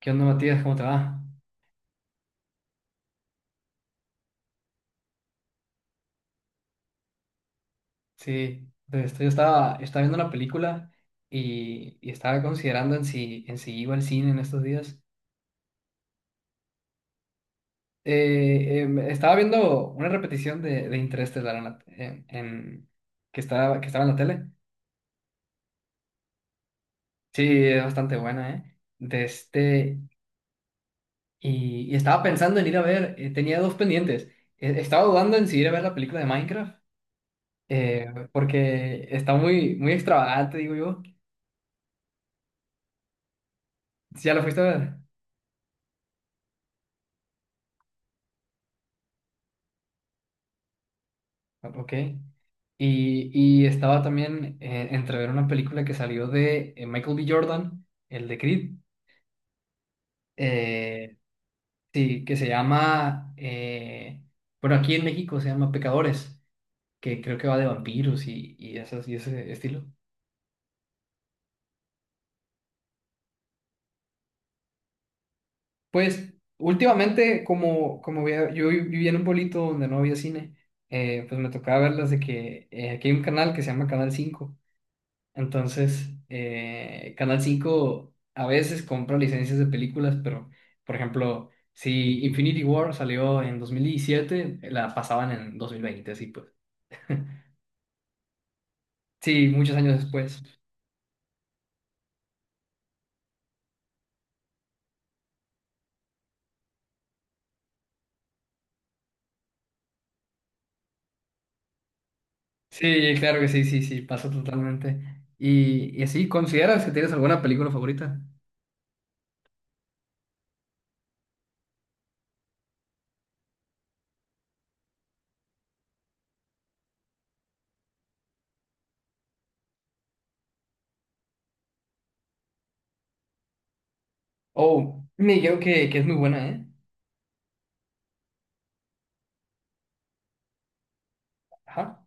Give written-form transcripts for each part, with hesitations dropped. ¿Qué onda, Matías? ¿Cómo te va? Sí, entonces yo estaba viendo una película y estaba considerando en si iba al cine en estos días. Estaba viendo una repetición de Interestelar en la- en- que estaba en la tele. Sí, es bastante buena, ¿eh? Y estaba pensando en ir a ver, tenía dos pendientes. Estaba dudando en si ir a ver la película de Minecraft, porque está muy, muy extravagante, digo yo. ¿Sí? ¿Ya la fuiste a ver? Ok. Y estaba también entre ver una película que salió de Michael B. Jordan, el de Creed, eh, sí, que se llama, bueno, aquí en México se llama Pecadores, que creo que va de vampiros y ese estilo. Pues últimamente, como, como vea- yo vi- vivía en un pueblito donde no había cine, pues me tocaba verlas de que aquí hay un canal que se llama Canal Cinco. Entonces, Canal 5 a veces compra licencias de películas, pero, por ejemplo, si Infinity War salió en 2017 la pasaban en 2020 así pues. Sí, muchos años después. Sí, claro que sí, sí, sí, pasa totalmente. Y así, ¿consideras que tienes alguna película favorita? Oh, me dijeron que es muy buena, ¿eh? Ajá.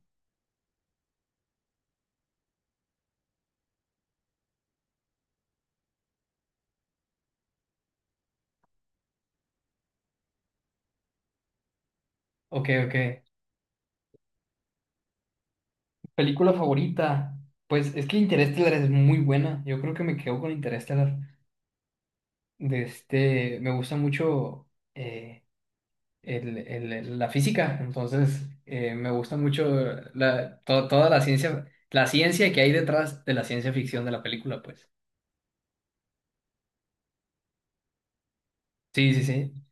Ok, ok. ¿Película favorita? Pues es que Interestelar es muy buena. Yo creo que me quedo con Interestelar. Me gusta mucho eh, la física, entonces me gusta mucho toda la ciencia que hay detrás de la ciencia ficción de la película, pues. Sí, sí, sí.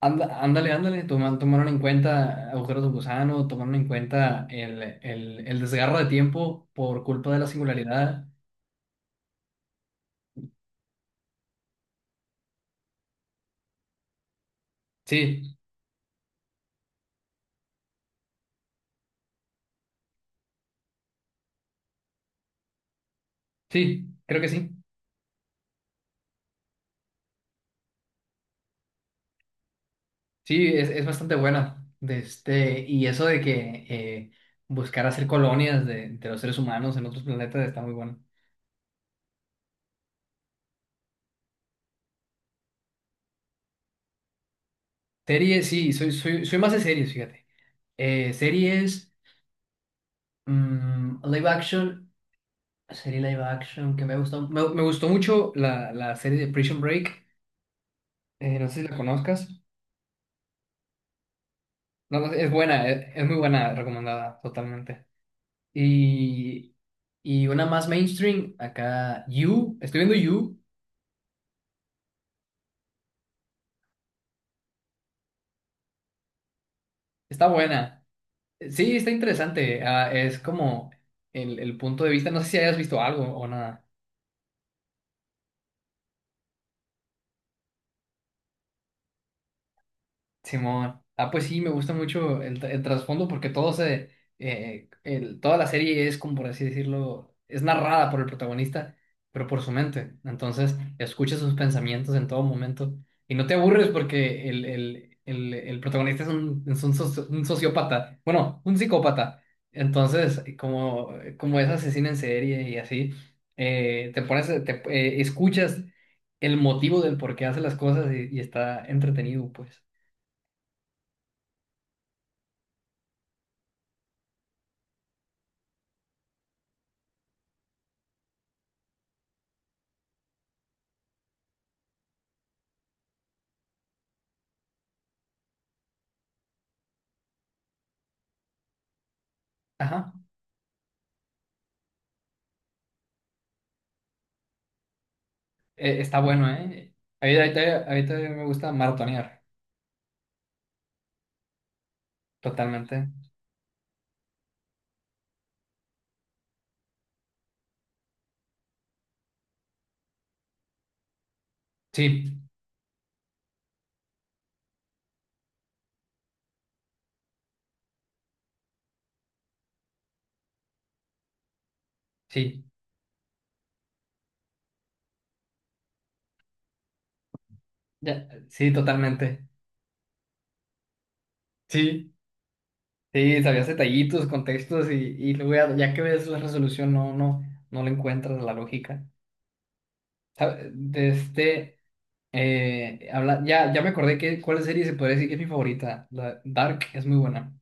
Ándale, ándale, tomaron en cuenta agujeros de gusano, tomaron en cuenta el desgarro de tiempo por culpa de la singularidad. Sí, sí, creo que sí. Sí, es bastante buena. Y eso de que eh, buscar hacer colonias de los seres humanos en otros planetas está muy bueno. Series, sí, soy más de series, fíjate. Series, live action, serie live action que me gustó. Me gustó mucho la serie de Prison Break. No sé si la conozcas. No, no, es buena, es muy buena, recomendada totalmente. Y, y una más mainstream, acá, You. Estoy viendo You, está buena. Sí, está interesante. Ah, es como el punto de vista. No sé si hayas visto algo o nada. Simón. Ah, pues sí, me gusta mucho el trasfondo porque toda la serie es, como por así decirlo, es narrada por el protagonista, pero por su mente. Entonces, escuchas sus pensamientos en todo momento y no te aburres porque el protagonista es un sociópata, bueno, un psicópata. Entonces, como es asesino en serie y así, escuchas el motivo del por qué hace las cosas y está entretenido, pues. Ajá. Está bueno, ¿eh? Ahorita me gusta maratonear. Totalmente. Sí, sí. Ya, sí, totalmente. Sí, sí, sabías detallitos, contextos y luego ya que ves la resolución no, no, no le encuentras la lógica. ¿Sabe? De este, habla, ya, ya me acordé que cuál serie se podría decir que es mi favorita. La Dark es muy buena.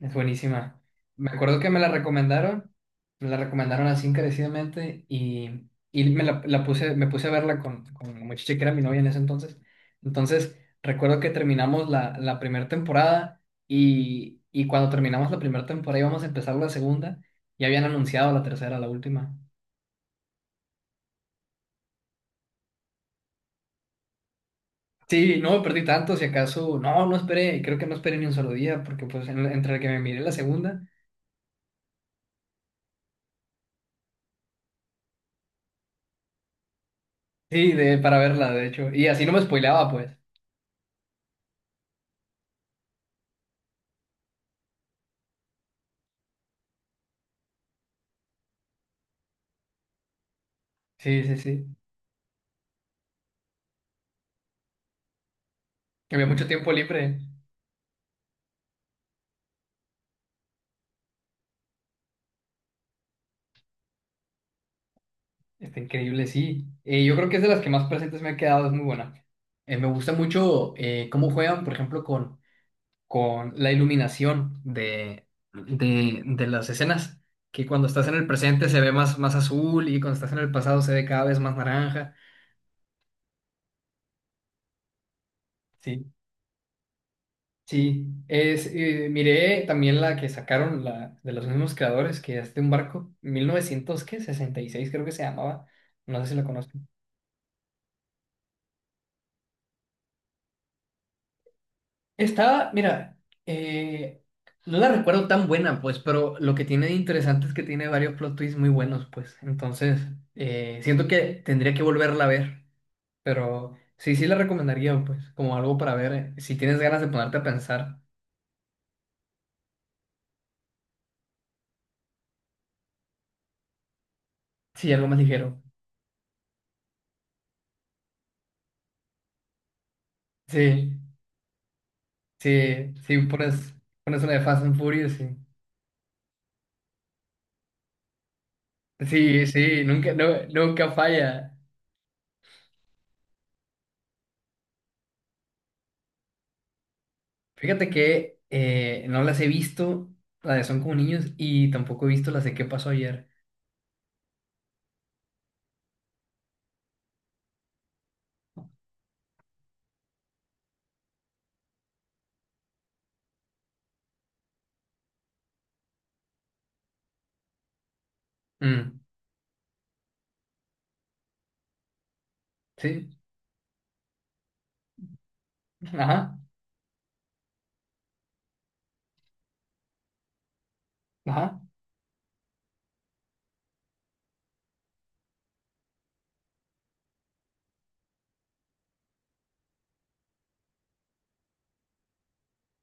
Es buenísima. Me acuerdo que me la recomendaron así encarecidamente y me la puse, me puse a verla con la muchacha que era mi novia en ese entonces. Entonces, recuerdo que terminamos la primera temporada y cuando terminamos la primera temporada íbamos a empezar la segunda y habían anunciado la tercera, la última. Sí, no me perdí tanto, si acaso, no, no esperé, creo que no esperé ni un solo día porque pues entre que me miré la segunda, sí, para verla, de hecho, y así no me spoileaba pues. Sí, sí, sí. Que había mucho tiempo libre. Está increíble, sí. Yo creo que es de las que más presentes me ha quedado, es muy buena. Me gusta mucho cómo juegan, por ejemplo, con la iluminación de las escenas, que cuando estás en el presente se ve más azul y cuando estás en el pasado se ve cada vez más naranja. Sí, sí. Miré también la que sacaron de los mismos creadores, que es de un barco, 1966 creo que se llamaba, no sé si la conozco. Mira, eh, no la recuerdo tan buena, pues, pero lo que tiene de interesante es que tiene varios plot twists muy buenos, pues. Entonces, siento que tendría que volverla a ver, pero sí, sí la recomendaría, pues, como algo para ver, si tienes ganas de ponerte a pensar, sí, algo más ligero. Sí, sí, sí, pones una de Fast and Furious, sí. Sí, sí, nunca falla. Fíjate que no las he visto, las de Son como niños, y tampoco he visto las de ¿Qué pasó ayer? Mm, sí, ajá, ajá,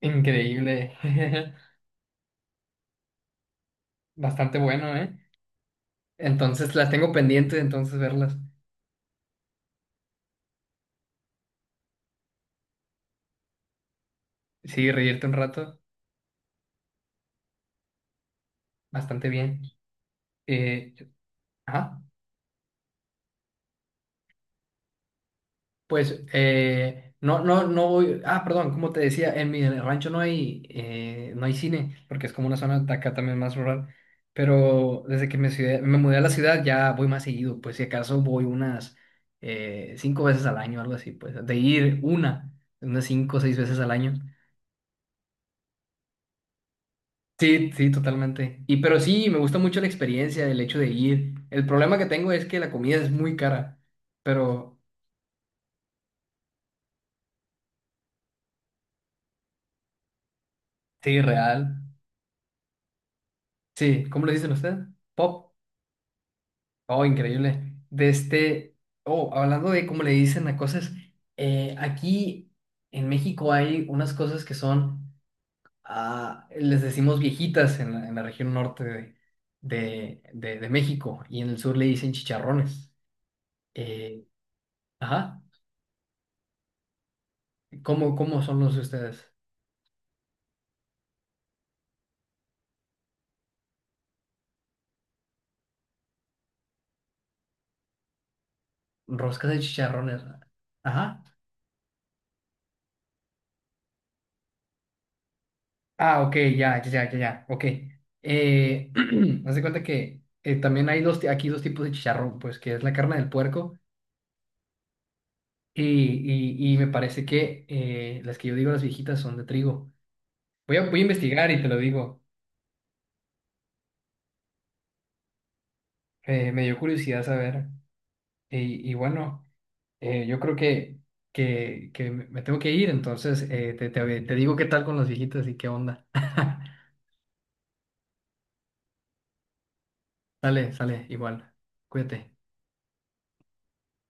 increíble, bastante bueno, ¿eh? Entonces las tengo pendientes, entonces verlas, sí, reírte un rato, bastante bien. Eh, ajá. Pues no, no, no voy. Ah, perdón, como te decía, en mi rancho no hay, no hay cine, porque es como una zona de acá también más rural. Pero desde que me mudé a la ciudad ya voy más seguido, pues si acaso voy unas cinco veces al año, algo así, pues de ir unas cinco o seis veces al año. Sí, sí, totalmente. Y pero sí, me gusta mucho la experiencia, el hecho de ir. El problema que tengo es que la comida es muy cara, pero sí, real. Sí, ¿cómo lo dicen ustedes? Pop. Oh, increíble. Hablando de cómo le dicen a cosas, aquí en México hay unas cosas les decimos viejitas en en la región norte de México y en el sur le dicen chicharrones. Eh, ajá. ¿Cómo son los de ustedes? Roscas de chicharrones. Ajá. Ah, ok, ya, ya, ya, ya, ya, ok. Eh, Haz de cuenta que también hay aquí dos tipos de chicharrón, pues que es la carne del puerco. Y, y me parece que las que yo digo, las viejitas, son de trigo. Voy a investigar y te lo digo. Me dio curiosidad saber. Y bueno, yo creo que me tengo que ir, entonces te digo qué tal con las viejitas y qué onda. Sale, sale, igual. Cuídate.